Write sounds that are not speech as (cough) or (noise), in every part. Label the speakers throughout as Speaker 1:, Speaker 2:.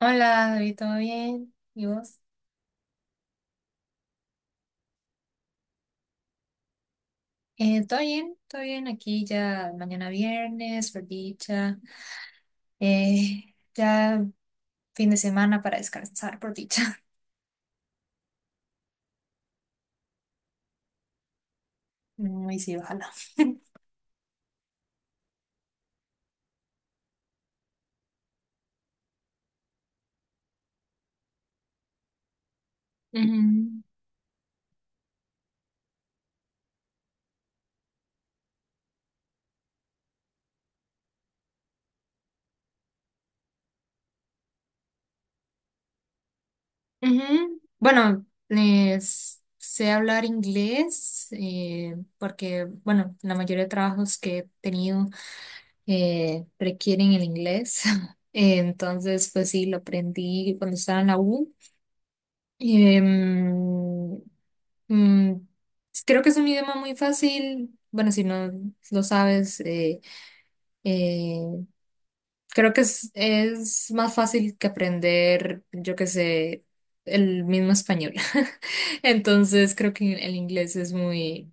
Speaker 1: Hola, David, ¿todo bien? ¿Y vos? ¿Todo bien? ¿Todo bien? Aquí ya mañana viernes, por dicha. Ya fin de semana para descansar, por dicha. (laughs) Y sí, ojalá. (laughs) Ujú, ujú. Bueno, les sé hablar inglés porque, bueno, la mayoría de trabajos que he tenido requieren el inglés. (laughs) Entonces, pues sí, lo aprendí cuando estaba en la U. Em, Mm, creo que es un idioma muy fácil. Bueno, si no lo sabes, eh, creo que es más fácil que aprender, yo qué sé, el mismo español. (laughs) Entonces, creo que el inglés es muy,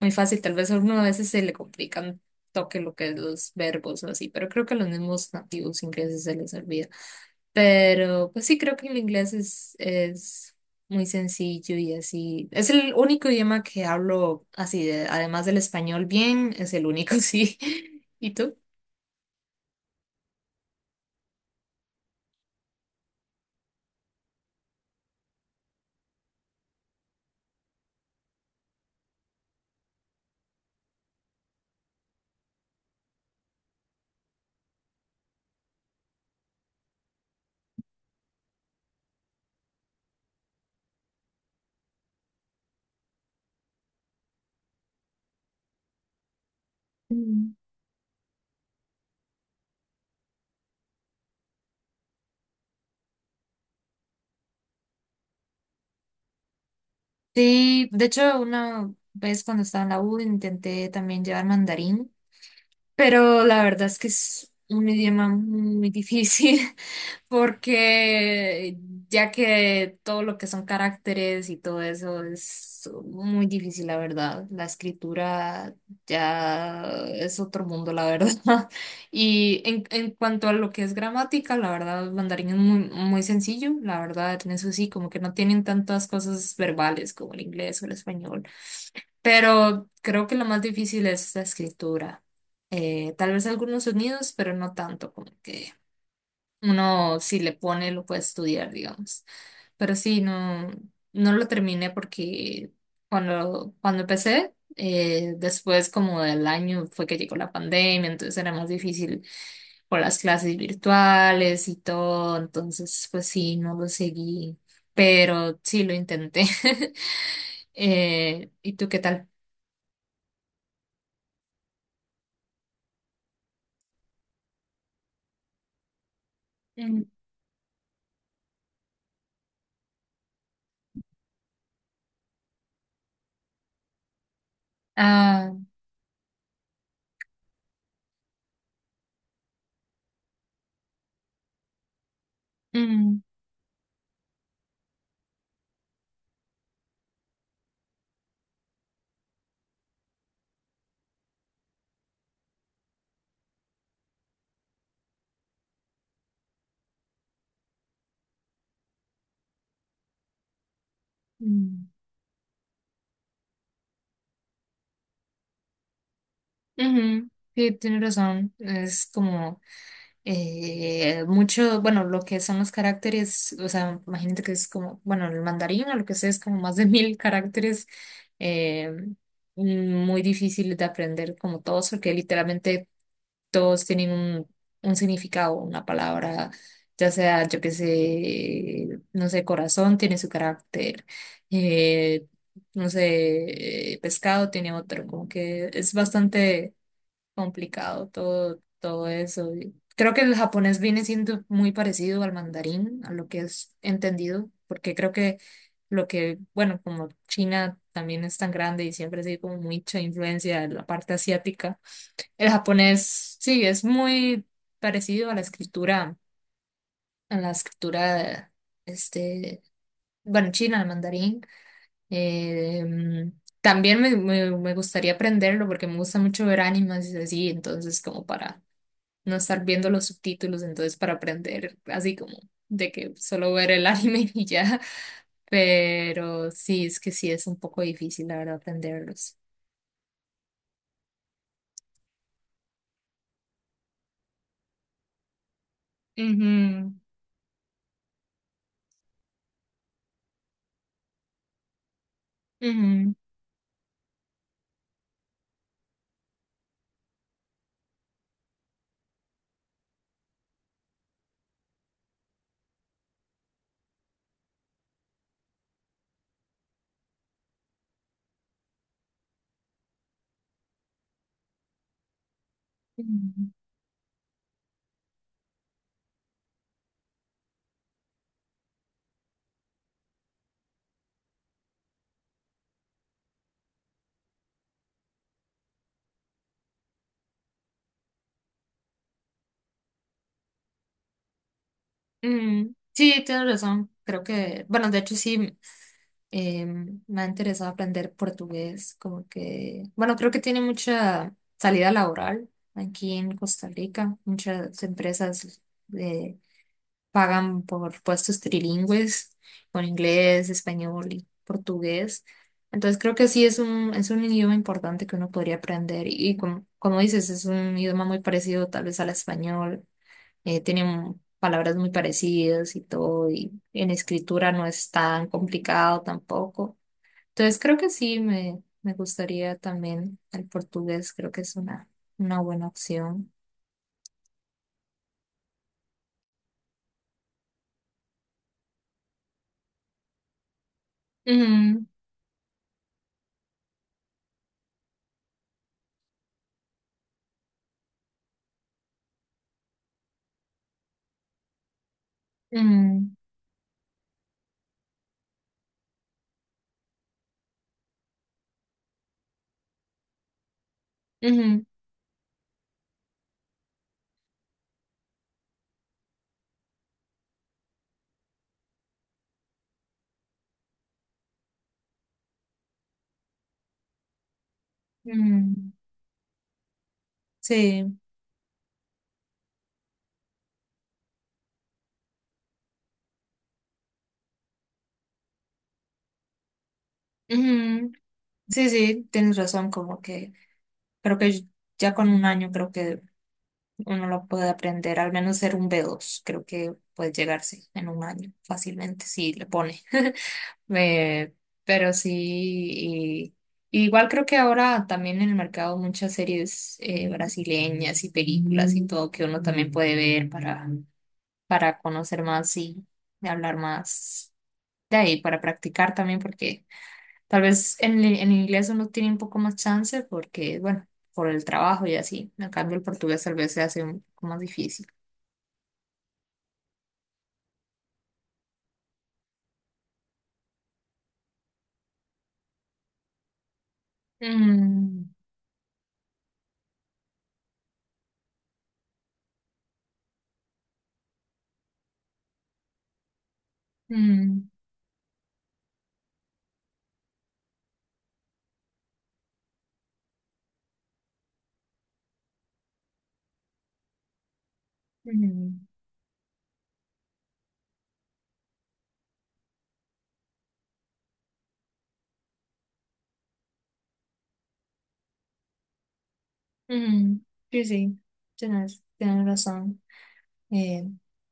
Speaker 1: muy fácil. Tal vez a uno a veces se le complica un toque lo que es los verbos o así, pero creo que a los mismos nativos ingleses se les olvida. Pero pues sí, creo que el inglés es muy sencillo y así. Es el único idioma que hablo así, además del español bien, es el único, (laughs) sí. ¿Y tú? Mm. Sí, de hecho, una vez cuando estaba en la U intenté también llevar mandarín, pero la verdad es que es un idioma muy difícil (laughs) porque ya que todo lo que son caracteres y todo eso es muy difícil, la verdad. La escritura ya es otro mundo, la verdad. (laughs) Y en cuanto a lo que es gramática, la verdad, el mandarín es muy, muy sencillo, la verdad, en eso sí, como que no tienen tantas cosas verbales como el inglés o el español. Pero creo que lo más difícil es la escritura. Tal vez algunos sonidos, pero no tanto, como que uno si le pone lo puede estudiar, digamos. Pero sí, no, no lo terminé porque cuando empecé, después como del año fue que llegó la pandemia, entonces era más difícil por las clases virtuales y todo, entonces pues sí, no lo seguí, pero sí lo intenté. (laughs) ¿Y tú qué tal? Ah, Mm, mm, ujú. Sí, tienes razón. Es como mucho, bueno, lo que son los caracteres, o sea, imagínate que es como, bueno, el mandarín o lo que sea es como más de (laughs) mil caracteres, eh, muy difíciles de aprender como todos, porque literalmente todos tienen un significado, una palabra, ya sea, yo qué sé, no sé, corazón tiene su carácter, eh, no sé, pescado tiene otro, como que es bastante complicado todo, todo eso. Y creo que el japonés viene siendo muy parecido al mandarín, a lo que es entendido, porque creo que lo que, bueno, como China también es tan grande y siempre ha sido como mucha influencia de la parte asiática, el japonés sí es muy parecido a la escritura, a la escritura, este, bueno, china, al mandarín. Eh, también me gustaría aprenderlo porque me gusta mucho ver animes y así, entonces como para no estar viendo los subtítulos, entonces para aprender así como de que solo ver el anime (laughs) y ya. Pero sí, es que sí es un poco difícil, la verdad, aprenderlos. Ujú, ujú, ujú, ujú. Sí, tienes razón. Creo que, bueno, de hecho sí, eh, me ha interesado aprender portugués, como que, bueno, creo que tiene mucha salida laboral aquí en Costa Rica, muchas empresas eh, pagan por puestos trilingües, con inglés, español y portugués. Entonces creo que sí es es un idioma importante que uno podría aprender. Y como, como dices, es un idioma muy parecido tal vez al español. Eh, tienen palabras muy parecidas y todo. Y en escritura no es tan complicado tampoco. Entonces creo que sí me gustaría también el portugués. Creo que es una buena opción. Ujú, ujú, ujú, ujú. Sí. Ujú. Sí, sí, tienes razón, como que creo que ya con un año creo que uno lo puede aprender, al menos ser un B2 creo que puede llegarse en un año fácilmente si le pone. (laughs) Eh, pero sí, y igual creo que ahora también en el mercado muchas series brasileñas y películas y todo que uno también puede ver para conocer más y hablar más de ahí, para practicar también, porque tal vez en inglés uno tiene un poco más chance porque, bueno, por el trabajo y así. En cambio, el portugués tal vez se hace un poco más difícil. Mm, mm, mm, mm. Sí, sí, tienes razón. Eh,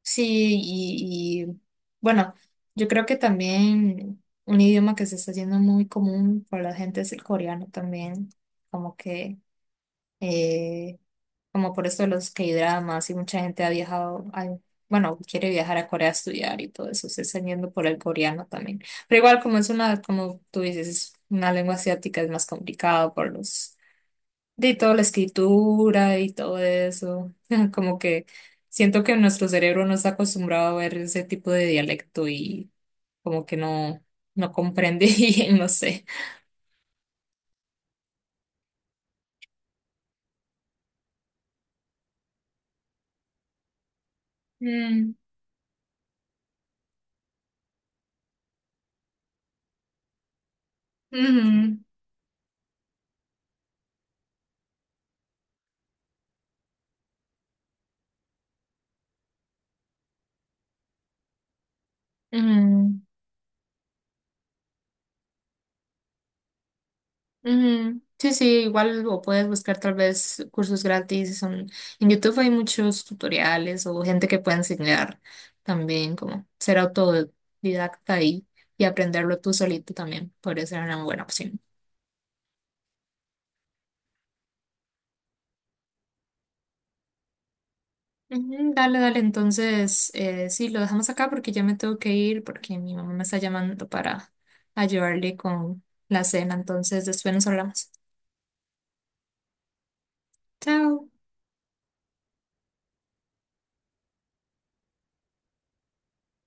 Speaker 1: sí, y, y, bueno, yo creo que también un idioma que se está haciendo muy común para la gente es el coreano también, como que eh, como por esto de los K-dramas y mucha gente ha viajado, bueno, quiere viajar a Corea a estudiar y todo eso, se está yendo por el coreano también. Pero igual como es una, como tú dices, es una lengua asiática es más complicado por los, de toda la escritura y todo eso, (laughs) como que siento que nuestro cerebro no está acostumbrado a ver ese tipo de dialecto y como que no, no comprende (laughs) y no sé. Mm, ujú, ujú. Ujú. Sí, sí, igual o puedes buscar tal vez cursos gratis. En YouTube hay muchos tutoriales o gente que puede enseñar también como ser autodidacta y aprenderlo tú solito también. Podría ser una buena opción. Ujú, dale, dale, entonces sí, lo dejamos acá porque ya me tengo que ir porque mi mamá me está llamando para ayudarle con la cena, entonces después nos hablamos. Chao.